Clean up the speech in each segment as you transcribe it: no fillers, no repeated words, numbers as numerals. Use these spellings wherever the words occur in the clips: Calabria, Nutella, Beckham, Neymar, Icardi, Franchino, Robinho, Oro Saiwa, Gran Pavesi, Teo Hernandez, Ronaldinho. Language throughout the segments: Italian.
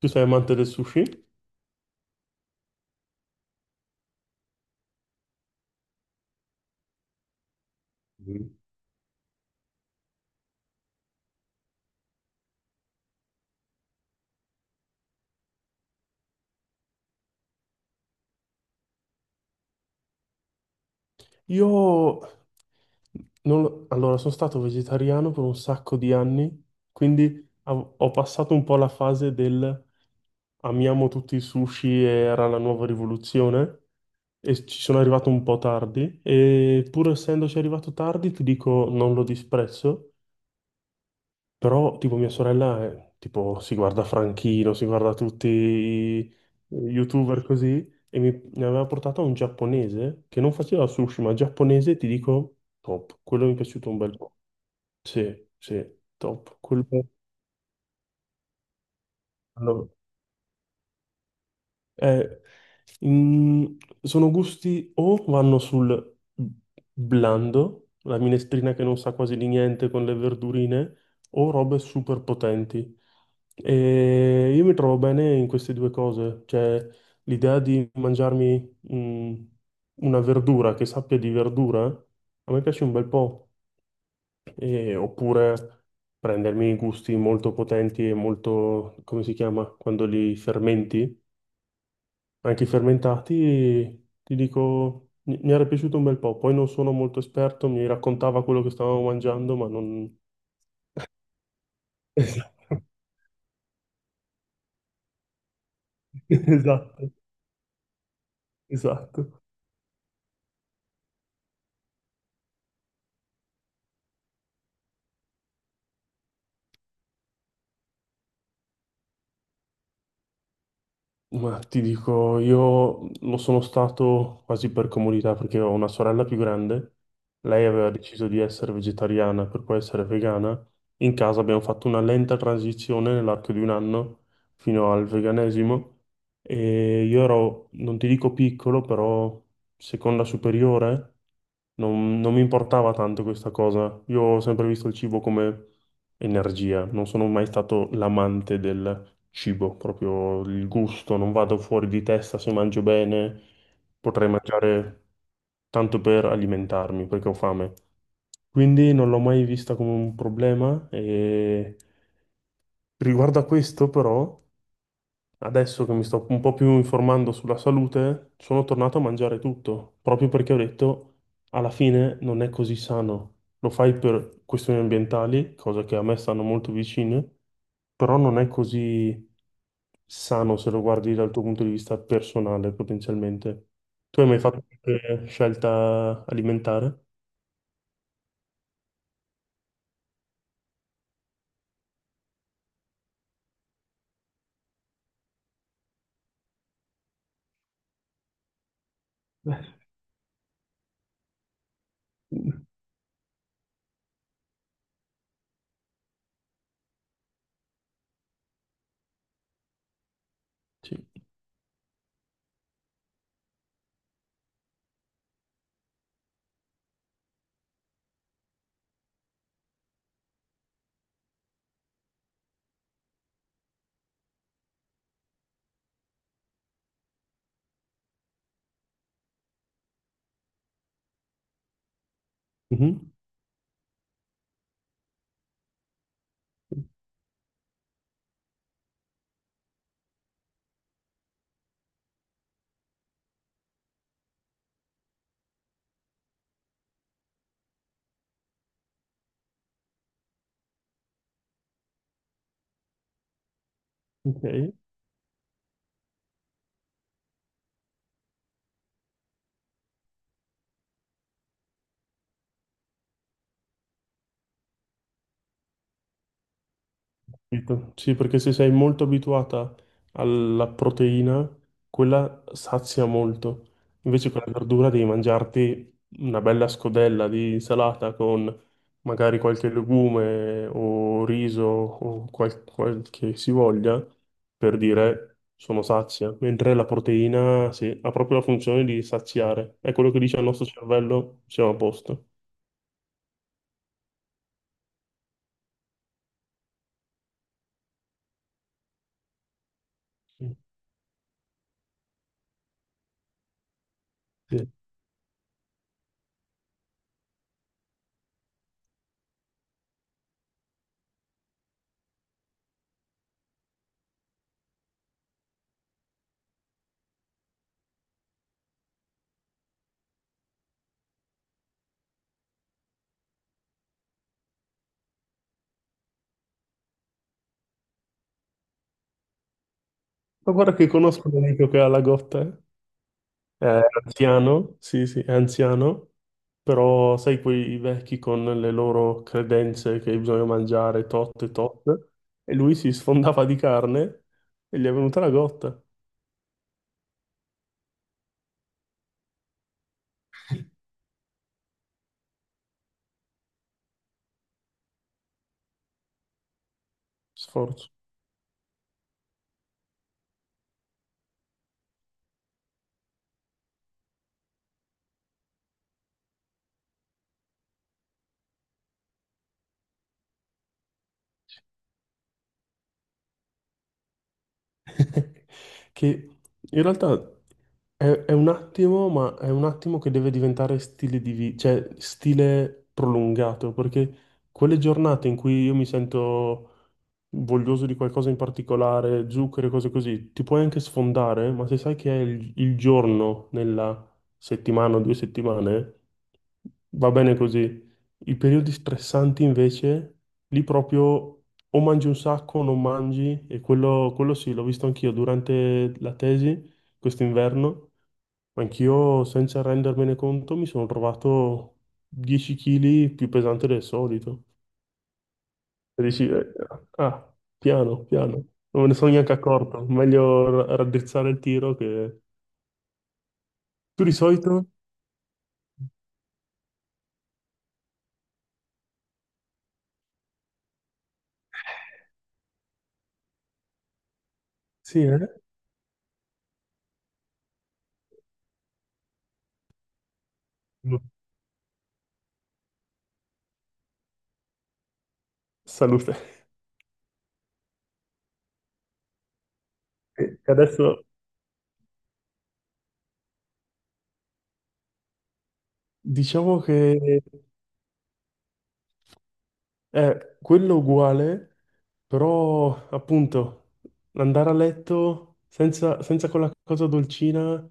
Tu sei amante del sushi? Mhm. Io non lo- Allora, sono stato vegetariano per un sacco di anni, quindi ho passato un po' la fase del amiamo tutti i sushi e era la nuova rivoluzione e ci sono arrivato un po' tardi e pur essendoci arrivato tardi ti dico non lo disprezzo. Però, tipo, tipo, si guarda Franchino, si guarda tutti i YouTuber così, e ne aveva portato un giapponese che non faceva sushi, ma giapponese, ti dico, top. Quello mi è piaciuto un bel po'. Sì, sì, top. Quello... Eh, in- sono gusti o vanno sul blando, la minestrina che non sa quasi di niente con le verdurine, o robe super potenti. E io mi trovo bene in queste due cose, cioè l'idea di mangiarmi una verdura che sappia di verdura, a me piace un bel po'. Oppure prendermi gusti molto potenti e molto, come si chiama, quando li fermenti. Anche i fermentati, ti dico, mi era piaciuto un bel po'. Poi non sono molto esperto, mi raccontava quello che stavamo mangiando, ma non... Esatto, esatto, esatto. Ma ti dico, io lo sono stato quasi per comodità perché ho una sorella più grande, lei aveva deciso di essere vegetariana per poi essere vegana, in casa abbiamo fatto una lenta transizione nell'arco di un anno fino al veganesimo e io ero, non ti dico piccolo, però seconda superiore non mi importava tanto questa cosa. Io ho sempre visto il cibo come energia, non sono mai stato l'amante del cibo, proprio il gusto, non vado fuori di testa se mangio bene, potrei mangiare tanto per alimentarmi perché ho fame. Quindi non l'ho mai vista come un problema e riguardo a questo però adesso che mi sto un po' più informando sulla salute, sono tornato a mangiare tutto, proprio perché ho detto, alla fine non è così sano. Lo fai per questioni ambientali, cosa che a me stanno molto vicine, però non è così sano se lo guardi dal tuo punto di vista personale, potenzialmente. Tu hai mai fatto qualche scelta alimentare? Sì. Mhm. Ok. Capito? Sì, perché se sei molto abituata alla proteina, quella sazia molto. Invece con la verdura devi mangiarti una bella scodella di insalata con magari qualche legume o riso o quel che si voglia per dire sono sazia. Mentre la proteina, sì, ha proprio la funzione di saziare. È quello che dice al nostro cervello, siamo a posto. Sì. Ma guarda che conosco un amico che ha la gotta, eh. È anziano, sì, sì, è anziano, però sai quei vecchi con le loro credenze che bisogna mangiare tot e tot, e lui si sfondava di carne e gli è venuta la gotta. Sforzo. Che in realtà è un attimo, ma è un attimo che deve diventare stile di vita, cioè stile prolungato, perché quelle giornate in cui io mi sento voglioso di qualcosa in particolare, zucchero e cose così, ti puoi anche sfondare, ma se sai che è il giorno nella settimana o due settimane, va bene così. I periodi stressanti invece, lì proprio o mangi un sacco o non mangi, e quello sì, l'ho visto anch'io durante la tesi, quest'inverno, anch'io senza rendermene conto mi sono trovato 10 kg più pesante del solito. E dici, ah, ah, piano, piano, non me ne sono neanche accorto, meglio raddrizzare il tiro che... Tu di solito? Sì, eh? No. Salute. E adesso diciamo che... È quello uguale, però appunto andare a letto senza quella cosa dolcina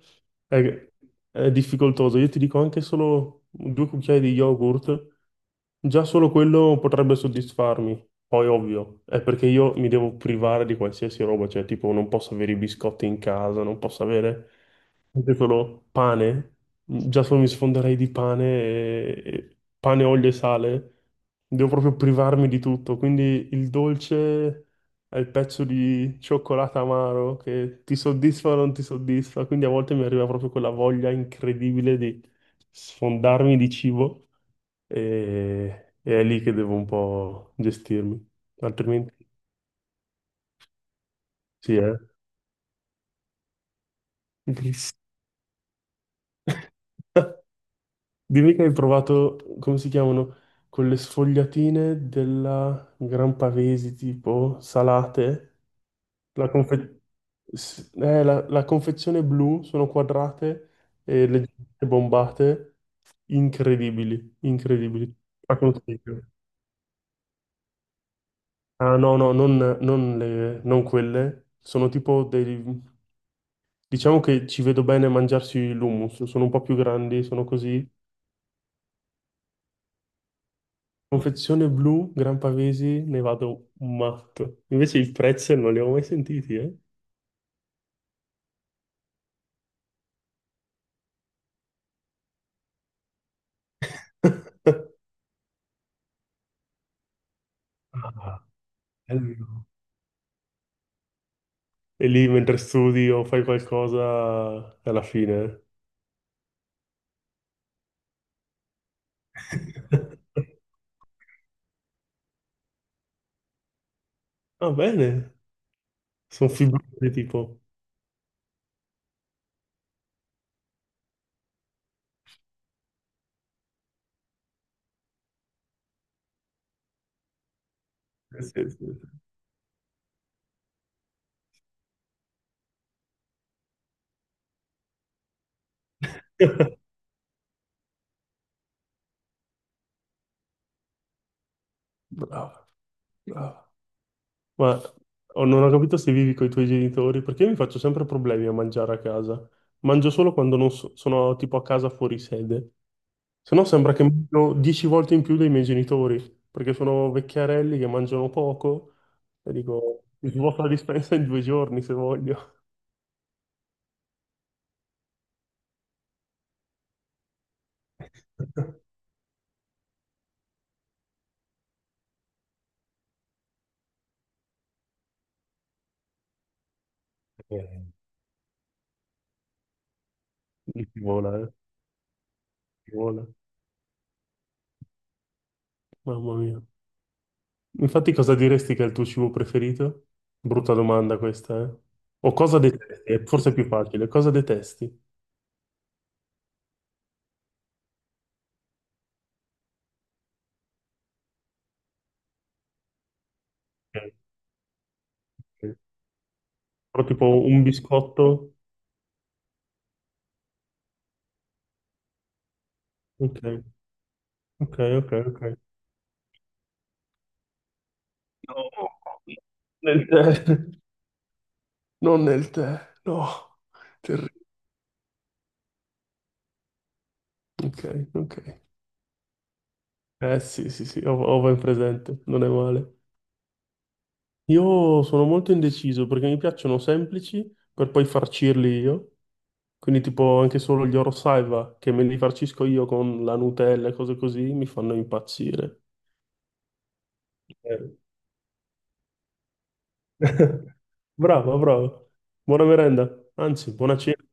è, è difficoltoso. Io ti dico anche solo due cucchiai di yogurt. Già solo quello potrebbe soddisfarmi. Poi, ovvio, è perché io mi devo privare di qualsiasi roba, cioè, tipo, non posso avere i biscotti in casa, non posso avere anche solo pane. Già solo mi sfonderei di pane, e pane, olio e sale. Devo proprio privarmi di tutto. Quindi il dolce è il pezzo di cioccolato amaro che ti soddisfa o non ti soddisfa. Quindi a volte mi arriva proprio quella voglia incredibile di sfondarmi di cibo e è lì che devo un po' gestirmi, altrimenti sì, eh. Gris. Dimmi che hai provato, come si chiamano, quelle sfogliatine della Gran Pavesi, tipo salate, la, confe- la confezione blu, sono quadrate e leggermente bombate, incredibili, incredibili, la consiglio. Ah no, no, non non quelle, sono tipo dei, diciamo che ci vedo bene a mangiarsi l'hummus, sono un po' più grandi, sono così. Confezione blu, Gran Pavesi, ne vado matto. Invece i pretzel non li ho mai sentiti, eh? Ah, bello. E lì mentre studi o fai qualcosa, alla fine. Eh. Va bene, sono fibrosi tipo. Sì, sì, sì. Bravo, bravo. Ma oh, non ho capito se vivi con i tuoi genitori, perché io mi faccio sempre problemi a mangiare a casa. Mangio solo quando non so- sono tipo a casa fuori sede. Se no sembra che mangio 10 volte in più dei miei genitori, perché sono vecchiarelli che mangiano poco e dico, mi svuoto la dispensa in 2 giorni se voglio. Eh, mi ci vola, eh. Ci vola. Mamma mia. Infatti cosa diresti che è il tuo cibo preferito? Brutta domanda questa, eh. O cosa detesti? È forse più facile. Cosa detesti? Ok. Ok. Però tipo un biscotto? Ok, ok, ok, ok. No, nel tè, non nel tè, no, terribile. Ok, ok. Eh sì, sì, sì, ho, ho ben presente, non è male. Io sono molto indeciso perché mi piacciono semplici per poi farcirli io, quindi tipo anche solo gli Oro Saiwa che me li farcisco io con la Nutella e cose così mi fanno impazzire. Bravo, bravo. Buona merenda, anzi, buona cena.